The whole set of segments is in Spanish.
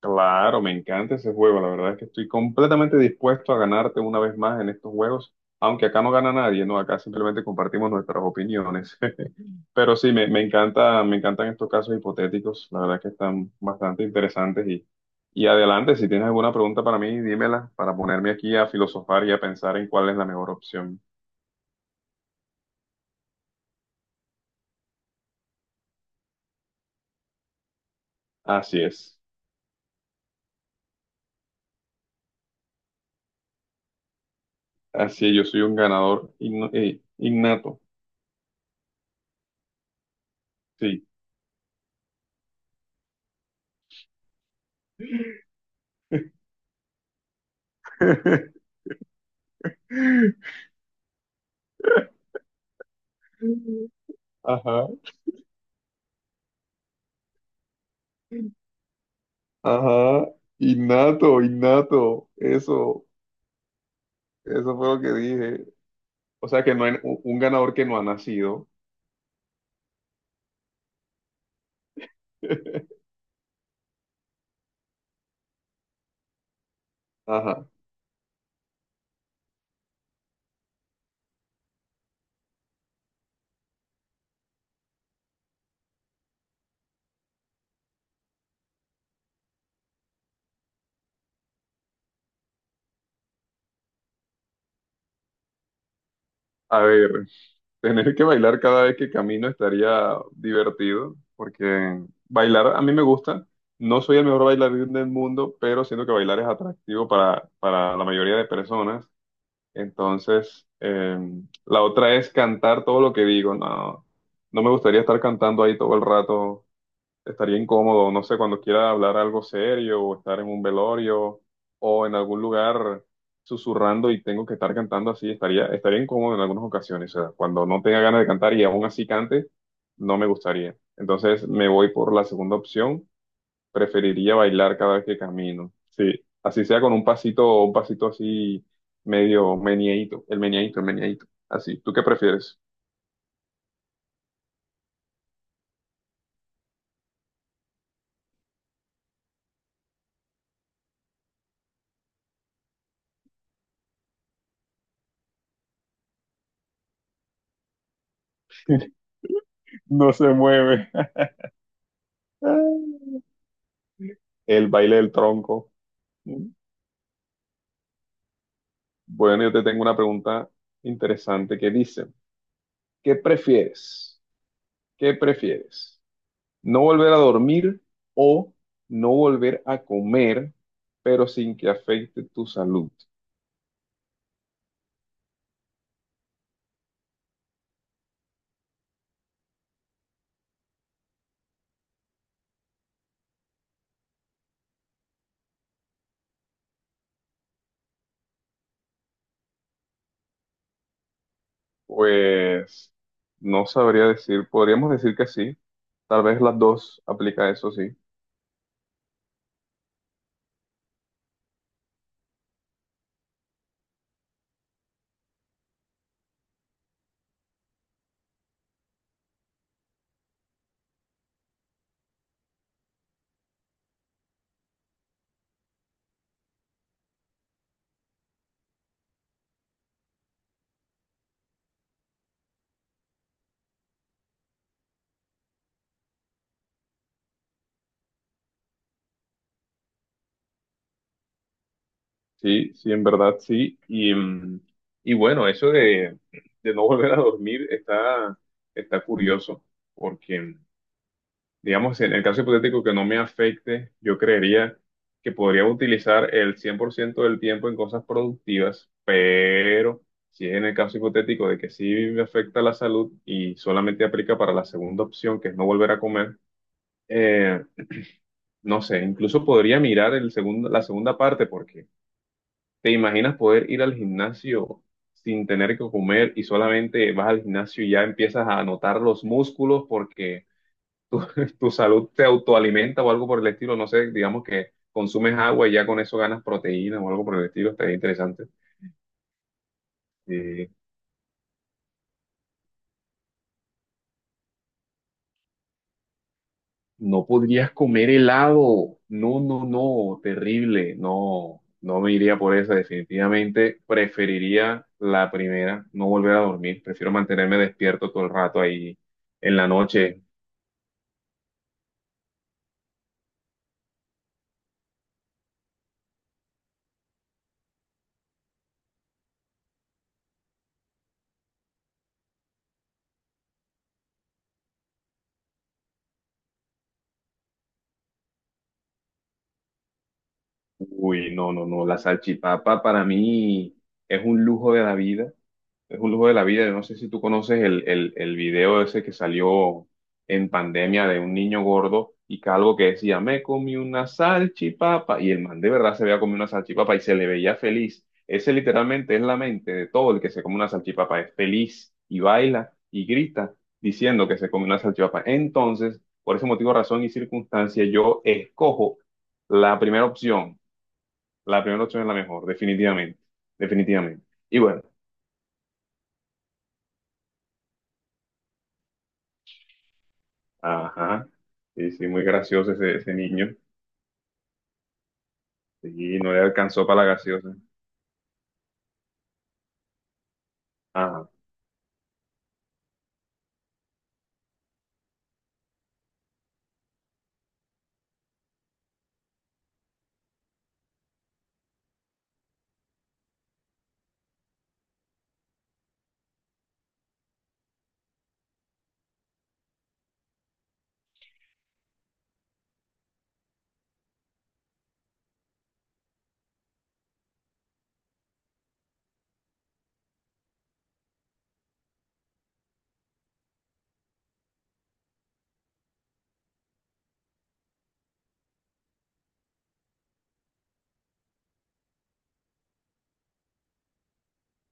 Claro, me encanta ese juego. La verdad es que estoy completamente dispuesto a ganarte una vez más en estos juegos, aunque acá no gana nadie, ¿no? Acá simplemente compartimos nuestras opiniones. Pero sí, me encanta, me encantan estos casos hipotéticos. La verdad es que están bastante interesantes y adelante, si tienes alguna pregunta para mí, dímela para ponerme aquí a filosofar y a pensar en cuál es la mejor opción. Así es. Así es, yo soy un ganador innato. Sí. Ajá. Ajá, innato, innato, eso fue lo que dije. O sea que no hay un ganador que no ha nacido. Ajá. A ver, tener que bailar cada vez que camino estaría divertido, porque bailar a mí me gusta. No soy el mejor bailarín del mundo, pero siento que bailar es atractivo para la mayoría de personas. Entonces, la otra es cantar todo lo que digo. No, no me gustaría estar cantando ahí todo el rato. Estaría incómodo, no sé, cuando quiera hablar algo serio o estar en un velorio o en algún lugar susurrando y tengo que estar cantando así, estaría, estaría incómodo en algunas ocasiones. O sea, cuando no tenga ganas de cantar y aún así cante, no me gustaría. Entonces me voy por la segunda opción. Preferiría bailar cada vez que camino. Sí, así sea con un pasito así medio meneadito, el meneadito, el meneadito. Así, ¿tú qué prefieres? No se mueve. El baile del tronco. Bueno, yo te tengo una pregunta interesante que dice, ¿qué prefieres? ¿Qué prefieres? ¿No volver a dormir o no volver a comer, pero sin que afecte tu salud? Pues no sabría decir, podríamos decir que sí, tal vez las dos aplica eso, sí, sí, sí, en verdad sí. Y, y bueno, eso de no volver a dormir está, está curioso, porque digamos, en el caso hipotético que no me afecte, yo creería que podría utilizar el 100% del tiempo en cosas productivas, pero si es en el caso hipotético de que sí me afecta la salud y solamente aplica para la segunda opción, que es no volver a comer, eh, no sé, incluso podría mirar el segundo, la segunda parte, porque te imaginas poder ir al gimnasio sin tener que comer y solamente vas al gimnasio y ya empiezas a notar los músculos porque tu, tu salud te autoalimenta o algo por el estilo, no sé, digamos que consumes agua y ya con eso ganas proteína o algo por el estilo, estaría interesante. Eh, no podrías comer helado, no, no, no, terrible, no, no me iría por esa, definitivamente preferiría la primera, no volver a dormir, prefiero mantenerme despierto todo el rato ahí en la noche. Uy, no, no, no, la salchipapa para mí es un lujo de la vida. Es un lujo de la vida. Yo no sé si tú conoces el video ese que salió en pandemia de un niño gordo y calvo que decía, me comí una salchipapa. Y el man de verdad se veía comido una salchipapa y se le veía feliz. Ese literalmente es la mente de todo el que se come una salchipapa. Es feliz y baila y grita diciendo que se come una salchipapa. Entonces, por ese motivo, razón y circunstancia, yo escojo la primera opción. La primera opción es la mejor, definitivamente. Definitivamente. Y bueno. Ajá. Sí, sí, muy gracioso ese, ese niño. Sí, no le alcanzó para la gaseosa. Ajá.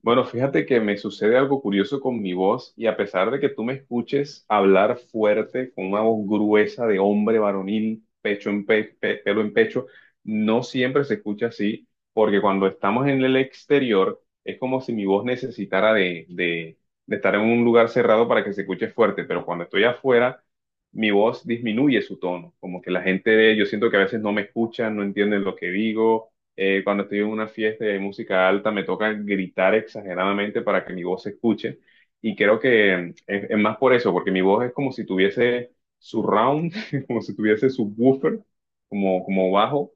Bueno, fíjate que me sucede algo curioso con mi voz y a pesar de que tú me escuches hablar fuerte con una voz gruesa de hombre varonil, pecho en pe- pe- pelo en pecho, no siempre se escucha así, porque cuando estamos en el exterior es como si mi voz necesitara de estar en un lugar cerrado para que se escuche fuerte, pero cuando estoy afuera, mi voz disminuye su tono, como que la gente, yo siento que a veces no me escuchan, no entienden lo que digo. Cuando estoy en una fiesta de música alta me toca gritar exageradamente para que mi voz se escuche. Y creo que es más por eso, porque mi voz es como si tuviese surround, como si tuviese subwoofer, como, como bajo.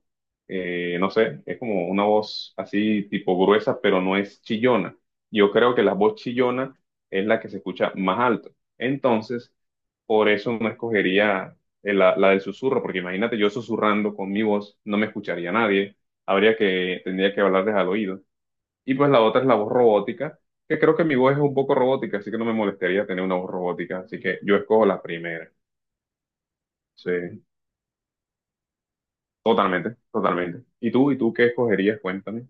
No sé, es como una voz así tipo gruesa, pero no es chillona. Yo creo que la voz chillona es la que se escucha más alto. Entonces, por eso no escogería la del susurro, porque imagínate yo susurrando con mi voz, no me escucharía nadie. Habría que, tendría que hablarles al oído. Y pues la otra es la voz robótica, que creo que mi voz es un poco robótica, así que no me molestaría tener una voz robótica, así que yo escojo la primera. Sí, totalmente, totalmente. ¿Y tú? ¿Y tú qué escogerías? Cuéntame.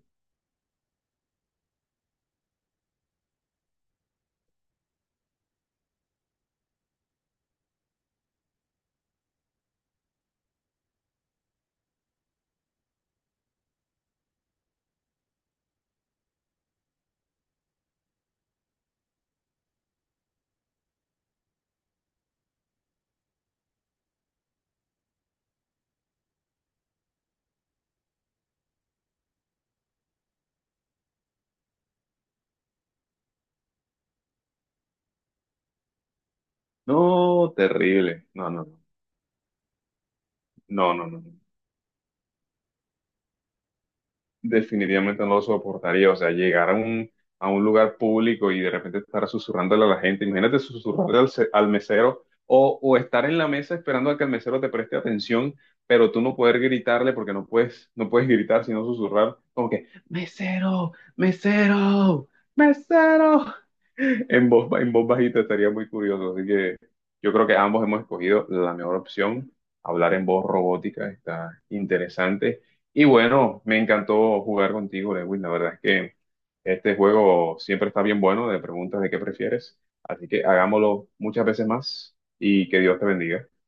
No, terrible. No, no, no, no, no, no, no. Definitivamente no lo soportaría. O sea, llegar a un lugar público y de repente estar susurrándole a la gente. Imagínate susurrarle al, al mesero o estar en la mesa esperando a que el mesero te preste atención, pero tú no poder gritarle porque no puedes, no puedes gritar, sino susurrar como que, mesero, mesero, mesero. En voz bajita estaría muy curioso, así que yo creo que ambos hemos escogido la mejor opción. Hablar en voz robótica está interesante. Y bueno, me encantó jugar contigo, Lewin. La verdad es que este juego siempre está bien bueno de preguntas de qué prefieres. Así que hagámoslo muchas veces más y que Dios te bendiga.